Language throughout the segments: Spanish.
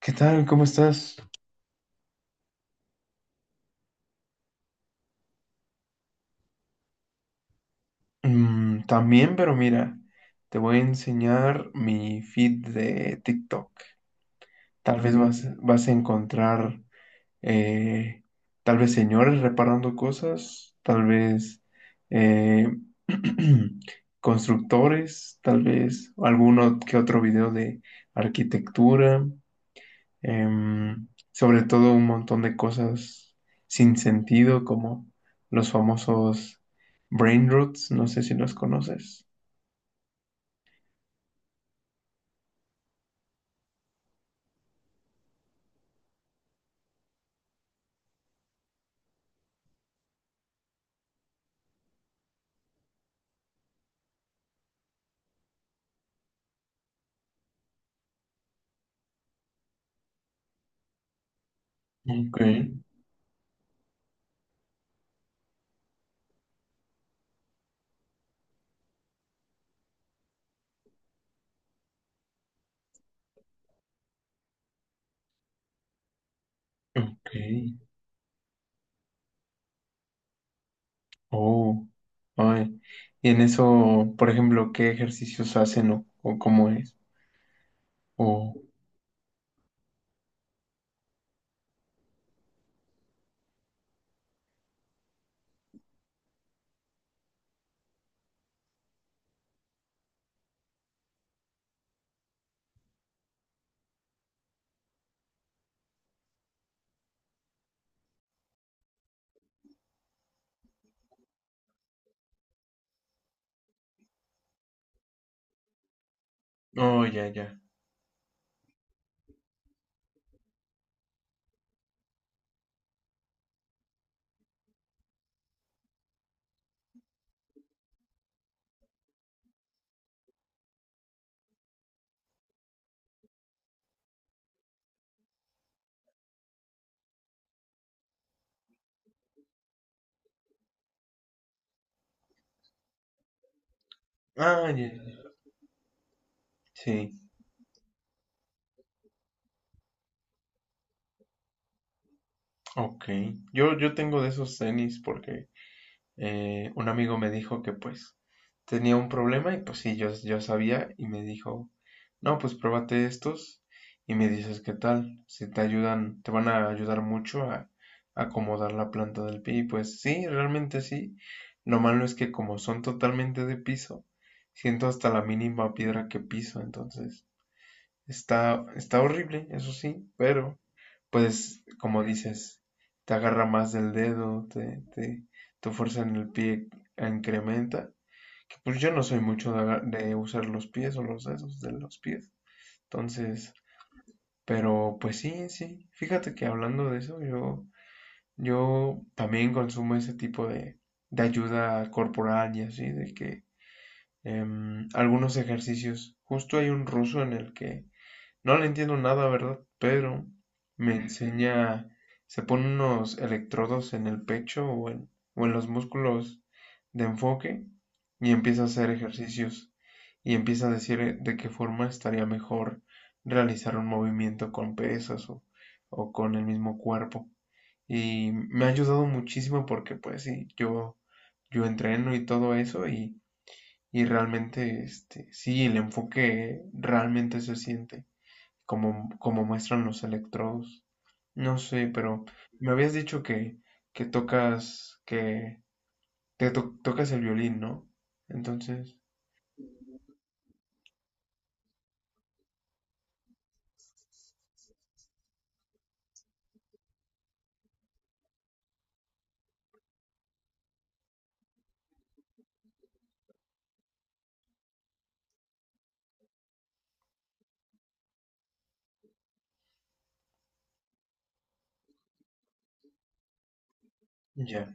¿Qué tal? ¿Cómo estás? Mm, también, pero mira, te voy a enseñar mi feed de TikTok. Tal vez vas a encontrar, eh, tal vez señores reparando cosas, tal vez eh, constructores, tal vez alguno que otro video de arquitectura, sobre todo un montón de cosas sin sentido, como los famosos brain roots, no sé si los conoces. Ok, ok. Oh, ay. Y en eso, por ejemplo, ¿qué ejercicios hacen o cómo es? O, oh, ya, ya. Ah, ya, ya. Sí, ok. Yo tengo de esos tenis porque un amigo me dijo que pues tenía un problema y pues sí, yo sabía y me dijo, no, pues pruébate estos y me dices qué tal, si te ayudan, te van a ayudar mucho a acomodar la planta del pie. Y pues sí, realmente sí. Lo malo es que como son totalmente de piso, siento hasta la mínima piedra que piso, entonces está horrible, eso sí, pero pues, como dices, te agarra más del dedo, tu fuerza en el pie incrementa. Que, pues yo no soy mucho de, de usar los pies o los dedos de los pies. Entonces, pero pues sí, sí. Fíjate que hablando de eso, yo también consumo ese tipo de ayuda corporal y así, de que algunos ejercicios, justo hay un ruso en el que no le entiendo nada, ¿verdad? Pero me enseña, se pone unos electrodos en el pecho o en los músculos de enfoque y empieza a hacer ejercicios y empieza a decir de qué forma estaría mejor realizar un movimiento con pesas o con el mismo cuerpo. Y me ha ayudado muchísimo porque pues sí, yo entreno y todo eso y realmente, este, sí, el enfoque realmente se siente como muestran los electrodos. No sé, pero me habías dicho que tocas, que tocas el violín, ¿no? Entonces, ya,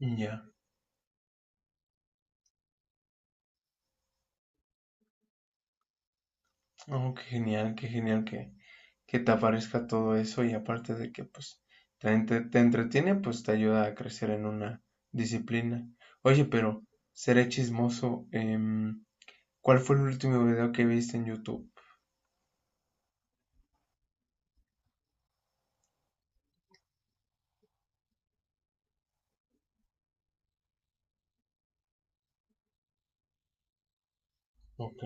ya. Oh, qué genial que te aparezca todo eso y aparte de que pues te, te entretiene, pues te ayuda a crecer en una disciplina. Oye, pero seré chismoso. ¿Cuál fue el último video que viste en YouTube? Ok.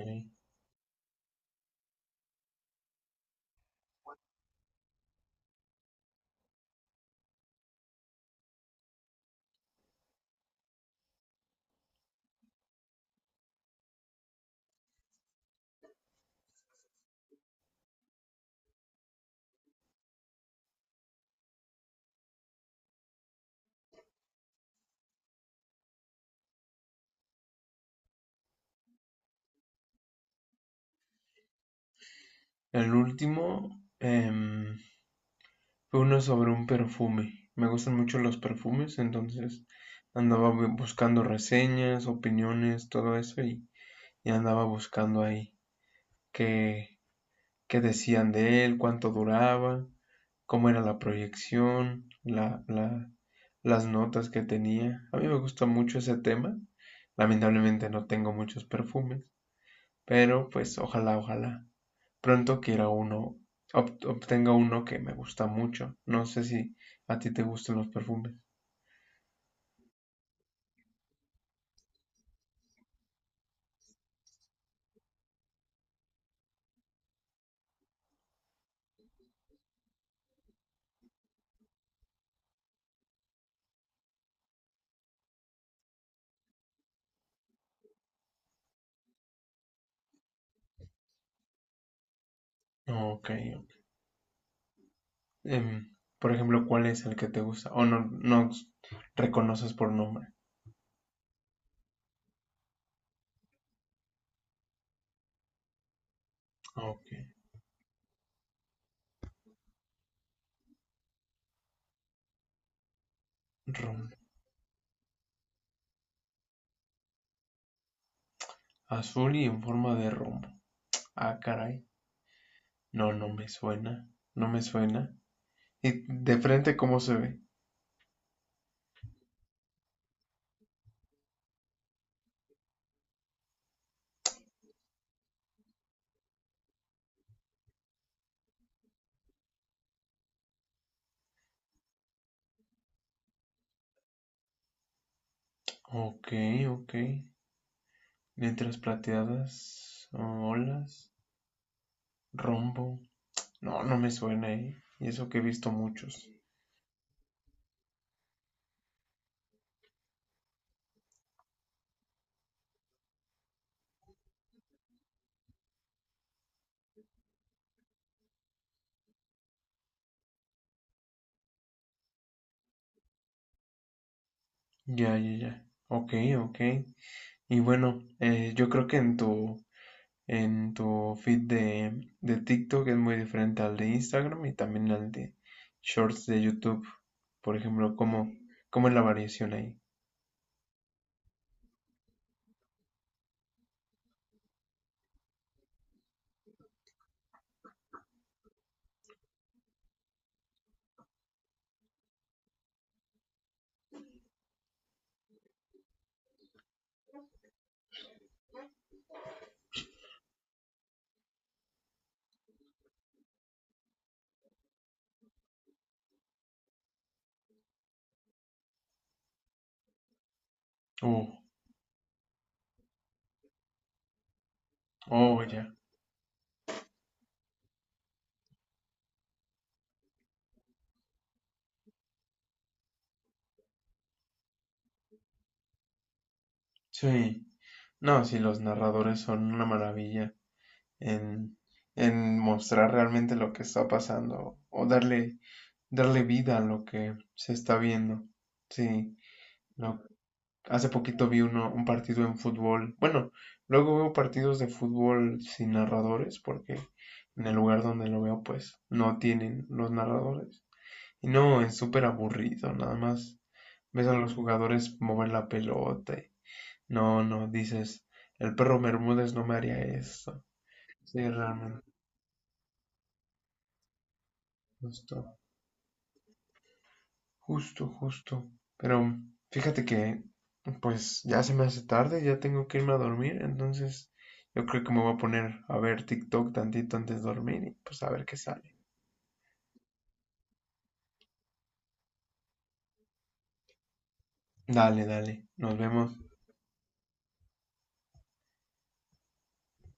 El último, em, fue uno sobre un perfume. Me gustan mucho los perfumes, entonces andaba buscando reseñas, opiniones, todo eso y andaba buscando ahí qué, qué decían de él, cuánto duraba, cómo era la proyección, las notas que tenía. A mí me gusta mucho ese tema. Lamentablemente no tengo muchos perfumes, pero pues ojalá, ojalá pronto quiera uno, obtenga uno que me gusta mucho. No sé si a ti te gustan los perfumes. Ok. Em, por ejemplo, ¿cuál es el que te gusta? O no, no reconoces por nombre. Ok. Rom- azul y en forma de rombo. Ah, caray. No, no me suena. No me suena. ¿Y de frente cómo se ve? Ok, ok. Letras plateadas, olas, rombo. No, no me suena, ¿eh? Y eso que he visto muchos. Ya, ya, ya. Ok, ok. Y bueno, yo creo que en tu feed de TikTok es muy diferente al de Instagram y también al de Shorts de YouTube. Por ejemplo, ¿cómo, cómo es la variación ahí? Oh, oh, ya. Sí. No, sí, los narradores son una maravilla en, en mostrar realmente lo que está pasando o darle, darle vida a lo que se está viendo. Sí. Lo hace poquito vi uno, un partido en fútbol. Bueno, luego veo partidos de fútbol sin narradores porque en el lugar donde lo veo pues no tienen los narradores. Y no, es súper aburrido, nada más ves a los jugadores mover la pelota. Y- no, no, dices, el perro Bermúdez no me haría eso. Sí, realmente, justo. Justo, justo. Pero fíjate que, pues ya se me hace tarde, ya tengo que irme a dormir, entonces yo creo que me voy a poner a ver TikTok tantito antes de dormir y pues a ver qué sale. Dale, dale, nos vemos.